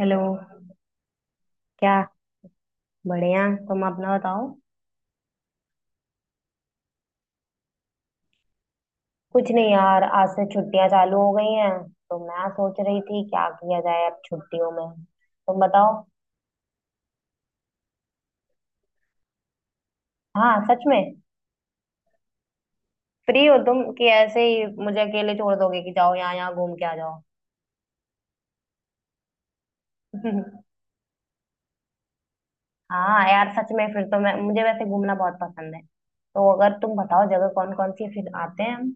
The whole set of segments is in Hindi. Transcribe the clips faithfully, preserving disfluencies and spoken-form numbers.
हेलो। क्या? बढ़िया, तुम अपना बताओ। कुछ नहीं यार, आज से छुट्टियां चालू हो गई हैं, तो मैं सोच रही थी क्या किया जाए अब छुट्टियों में। तुम बताओ। हाँ, सच में? फ्री हो तुम कि ऐसे ही मुझे अकेले छोड़ दोगे कि जाओ यहाँ यहाँ घूम के आ जाओ? हाँ यार, सच में। फिर तो मैं मुझे वैसे घूमना बहुत पसंद है, तो अगर तुम बताओ जगह कौन कौन सी है, फिर आते हैं हम।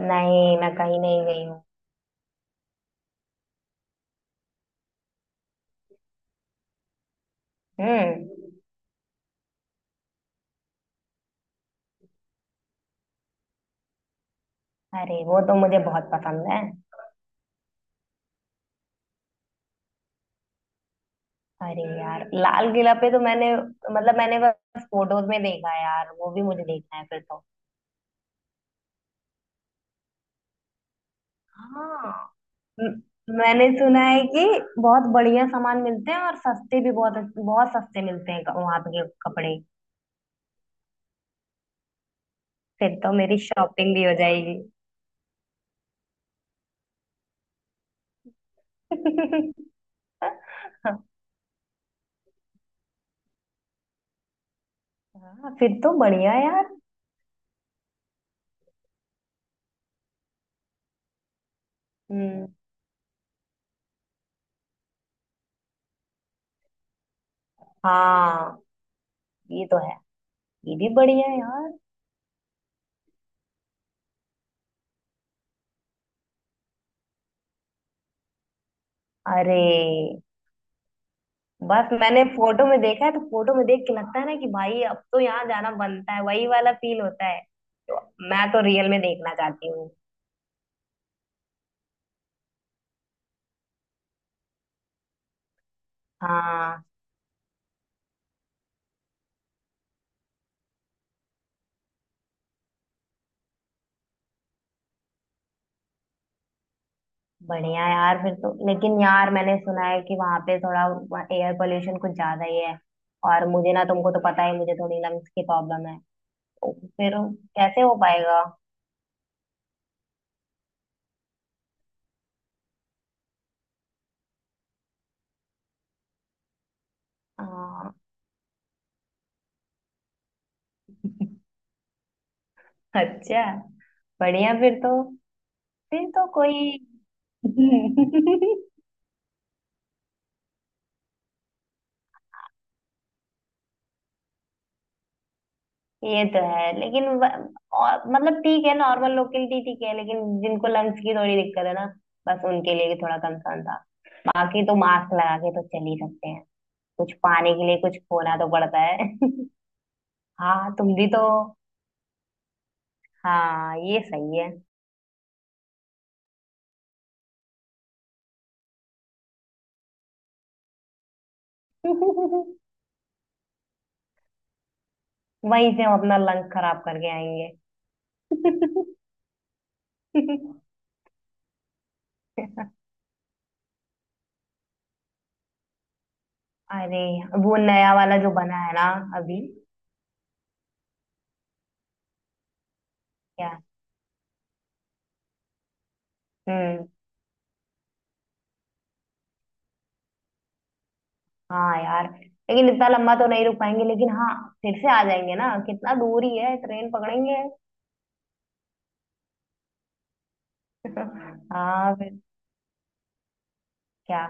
नहीं, मैं कहीं नहीं गई हूँ। हम्म। अरे, वो तो मुझे बहुत पसंद है। अरे यार, लाल किला पे तो मैंने मतलब मैंने बस फोटोज में देखा है यार, वो भी मुझे देखना है फिर तो। हाँ। म- मैंने सुना है कि बहुत बढ़िया सामान मिलते हैं, और सस्ते भी बहुत बहुत सस्ते मिलते हैं वहां पे के कपड़े। फिर तो मेरी शॉपिंग भी हो जाएगी। हाँ, फिर तो बढ़िया यार। हम्म। हाँ, ये तो है। ये भी बढ़िया है यार। अरे, बस मैंने फोटो में देखा है, तो फोटो में देख के लगता है ना कि भाई अब तो यहाँ जाना बनता है, वही वाला फील होता है। तो मैं तो रियल में देखना चाहती हूँ। हाँ, बढ़िया यार, फिर तो। लेकिन यार मैंने सुना है कि वहां पे थोड़ा एयर पोल्यूशन कुछ ज्यादा ही है। और मुझे ना, तुमको तो पता ही है, मुझे थोड़ी लंग्स की प्रॉब्लम है। तो फिर कैसे हो पाएगा? हाँ, अच्छा। बढ़िया फिर तो। फिर तो कोई। ये तो है लेकिन व- और, मतलब ठीक है नॉर्मल लोग के लिए ठीक है, लेकिन जिनको लंग्स की थोड़ी दिक्कत है ना, बस उनके लिए भी थोड़ा कंसर्न था। बाकी तो मास्क लगा के तो चल ही सकते हैं। कुछ पाने के लिए कुछ खोना तो पड़ता है। हाँ, तुम भी तो। हाँ, ये सही है। वहीं से हम अपना लंग खराब करके आएंगे। अरे, वो नया वाला जो बना है ना, अभी? क्या? हम्म, हाँ यार। लेकिन इतना लंबा तो नहीं रुक पाएंगे, लेकिन हाँ, फिर से आ जाएंगे ना, कितना दूर ही है, ट्रेन पकड़ेंगे। हाँ फिर। क्या?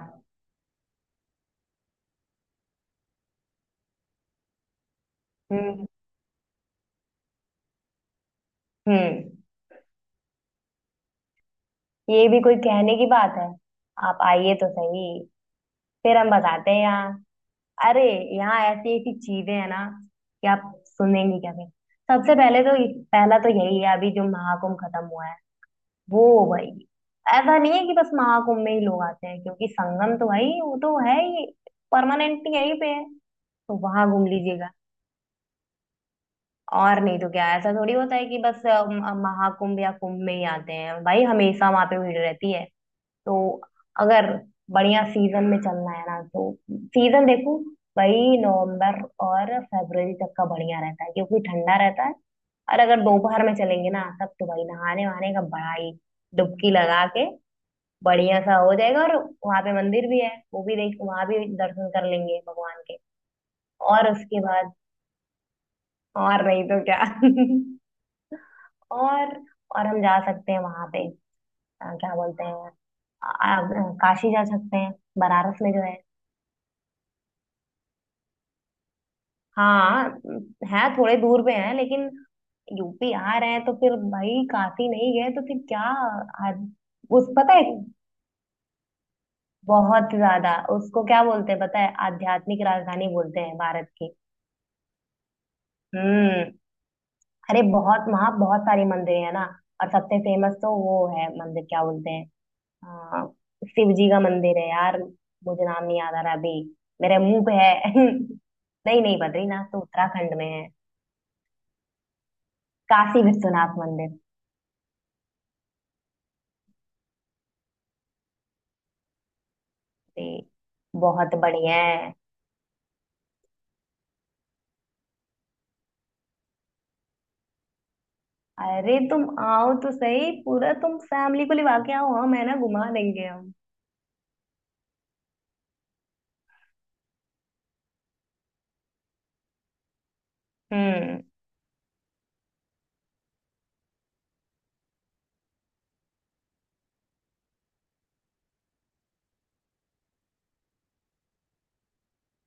हम्म। हम्म, ये भी कोई कहने की बात है? आप आइए तो सही, फिर हम बताते हैं यहाँ। अरे, यहाँ ऐसी ऐसी चीजें हैं ना कि आप सुनेंगे क्या फिर। सबसे पहले तो, पहला तो यही है, अभी जो महाकुंभ खत्म हुआ है वो। भाई, ऐसा नहीं है कि बस महाकुंभ में ही लोग आते हैं, क्योंकि संगम तो भाई वो तो है ही, परमानेंटली यहीं पे है। तो वहां घूम लीजिएगा, और नहीं तो क्या, ऐसा थोड़ी होता है कि बस अ, म- महाकुंभ या कुंभ में ही आते हैं। भाई, हमेशा वहां पे भीड़ रहती है। तो अगर बढ़िया सीजन में चलना है ना, तो सीजन देखो। भाई, नवंबर और फरवरी तक का बढ़िया रहता है क्योंकि ठंडा रहता है। और अगर दोपहर में चलेंगे ना, तब तो भाई नहाने वहाने का बड़ा ही, डुबकी लगा के बढ़िया सा हो जाएगा। और वहां पे मंदिर भी है, वो भी देख, वहां भी दर्शन कर लेंगे भगवान के। और उसके बाद, और नहीं तो क्या। और और हम जा सकते हैं वहां पे, अ, क्या बोलते हैं, अ, अ, काशी जा सकते हैं, बनारस में जो है। हाँ, है थोड़े दूर पे है, लेकिन यूपी आ रहे हैं तो फिर भाई काशी नहीं गए तो फिर क्या। आ, उस, पता है, बहुत ज्यादा उसको क्या बोलते हैं, पता है, आध्यात्मिक राजधानी बोलते हैं भारत की। हम्म। अरे, बहुत वहां बहुत सारी मंदिर है ना। और सबसे फेमस तो वो है मंदिर, क्या बोलते हैं। हाँ, शिव जी का मंदिर है यार, मुझे नाम नहीं याद आ रहा अभी, मेरे मुंह पे है। नहीं नहीं, बद्रीनाथ तो उत्तराखंड में है। काशी विश्वनाथ मंदिर भी बहुत बढ़िया है। अरे, तुम आओ तो सही, पूरा तुम फैमिली को लिवा के आओ, हम है ना, घुमा देंगे हम। हम्म।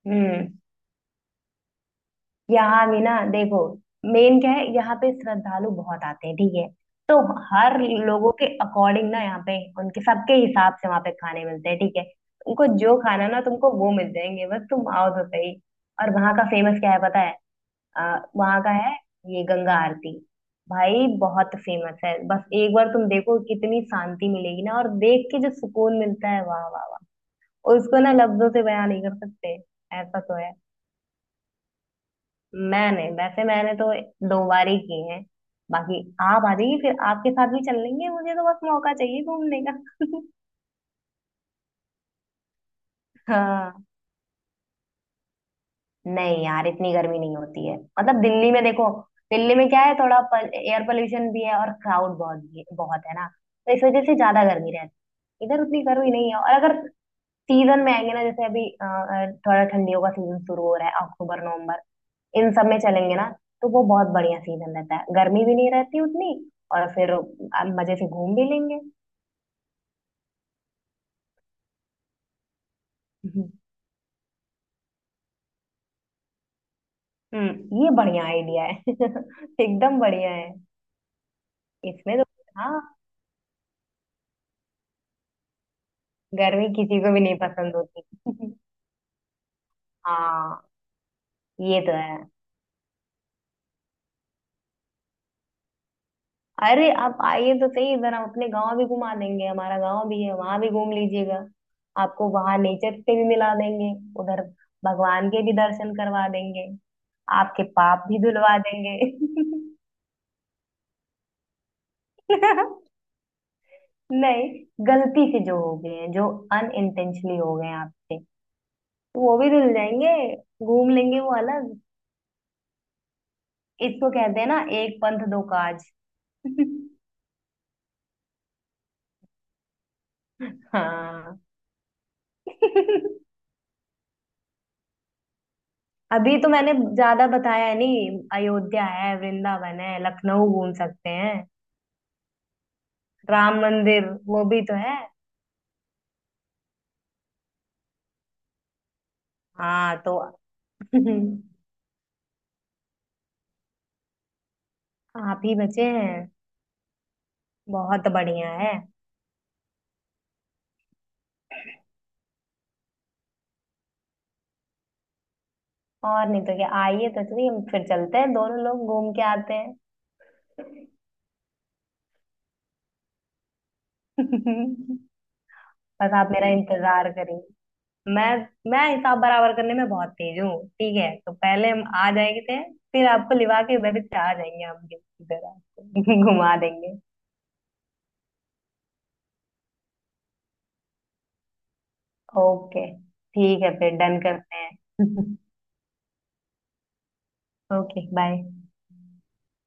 हम्म, यहाँ भी ना देखो, मेन क्या है यहाँ पे, श्रद्धालु बहुत आते हैं ठीक है। तो हर लोगों के अकॉर्डिंग ना, यहाँ पे उनके सबके हिसाब से वहाँ पे खाने मिलते हैं ठीक है। तुमको जो खाना ना, तुमको वो मिल जाएंगे, बस तुम आओ तो सही। और वहाँ का फेमस क्या है पता है? आ, वहाँ का है ये गंगा आरती। भाई, बहुत फेमस है, बस एक बार तुम देखो, कितनी शांति मिलेगी ना, और देख के जो सुकून मिलता है, वाह वाह वाह, उसको ना लफ्जों से बयान नहीं कर सकते। ऐसा तो है, मैंने वैसे मैंने तो दो बार ही की हैं। बाकी आप आ जाइए, फिर आपके साथ भी चल लेंगे, मुझे तो बस मौका चाहिए घूमने का। हाँ, नहीं यार, इतनी गर्मी नहीं होती है। मतलब दिल्ली में देखो, दिल्ली में क्या है, थोड़ा एयर पोल्यूशन भी है और क्राउड बहुत भी बहुत है ना, तो इस वजह से ज्यादा गर्मी रहती है। इधर उतनी गर्मी नहीं है। और अगर सीजन में आएंगे ना, जैसे अभी अ, अ, थोड़ा ठंडियों का सीजन शुरू हो रहा है, अक्टूबर नवंबर, इन सब में चलेंगे ना, तो वो बहुत बढ़िया सीजन रहता है, गर्मी भी नहीं रहती उतनी, और फिर आप मजे से घूम भी लेंगे। हम्म। हम्म, ये बढ़िया आइडिया है। एकदम बढ़िया है। इसमें तो, हाँ, गर्मी किसी को भी नहीं पसंद होती। हाँ, ये तो है। अरे, आप आइए तो सही, जरा अपने गांव भी घुमा देंगे, हमारा गांव भी है, वहां भी घूम लीजिएगा। आपको वहां नेचर से भी मिला देंगे। उधर भगवान के भी दर्शन करवा देंगे, आपके पाप भी धुलवा देंगे। नहीं, गलती से जो हो गए हैं, जो अनइंटेंशनली हो गए हैं आपसे, तो वो भी धुल जाएंगे। घूम लेंगे वो अलग। इसको कहते हैं ना, एक पंथ दो काज। हाँ। अभी तो मैंने ज्यादा बताया नहीं, अयोध्या है, वृंदावन है, लखनऊ घूम सकते हैं। राम मंदिर वो भी तो है। हाँ तो। आप ही बचे हैं, बहुत बढ़िया है। और नहीं तो क्या, आइए तो चलिए, हम फिर चलते हैं दोनों लोग घूम के आते हैं। बस आप मेरा इंतजार करेंगे। मैं मैं हिसाब बराबर करने में बहुत तेज हूँ। ठीक है, तो पहले हम आ जाएंगे थे, फिर आपको लिवा के उधर से आ जाएंगे हम, इधर आपको घुमा देंगे। ओके, ठीक है, फिर डन करते हैं। Okay bye.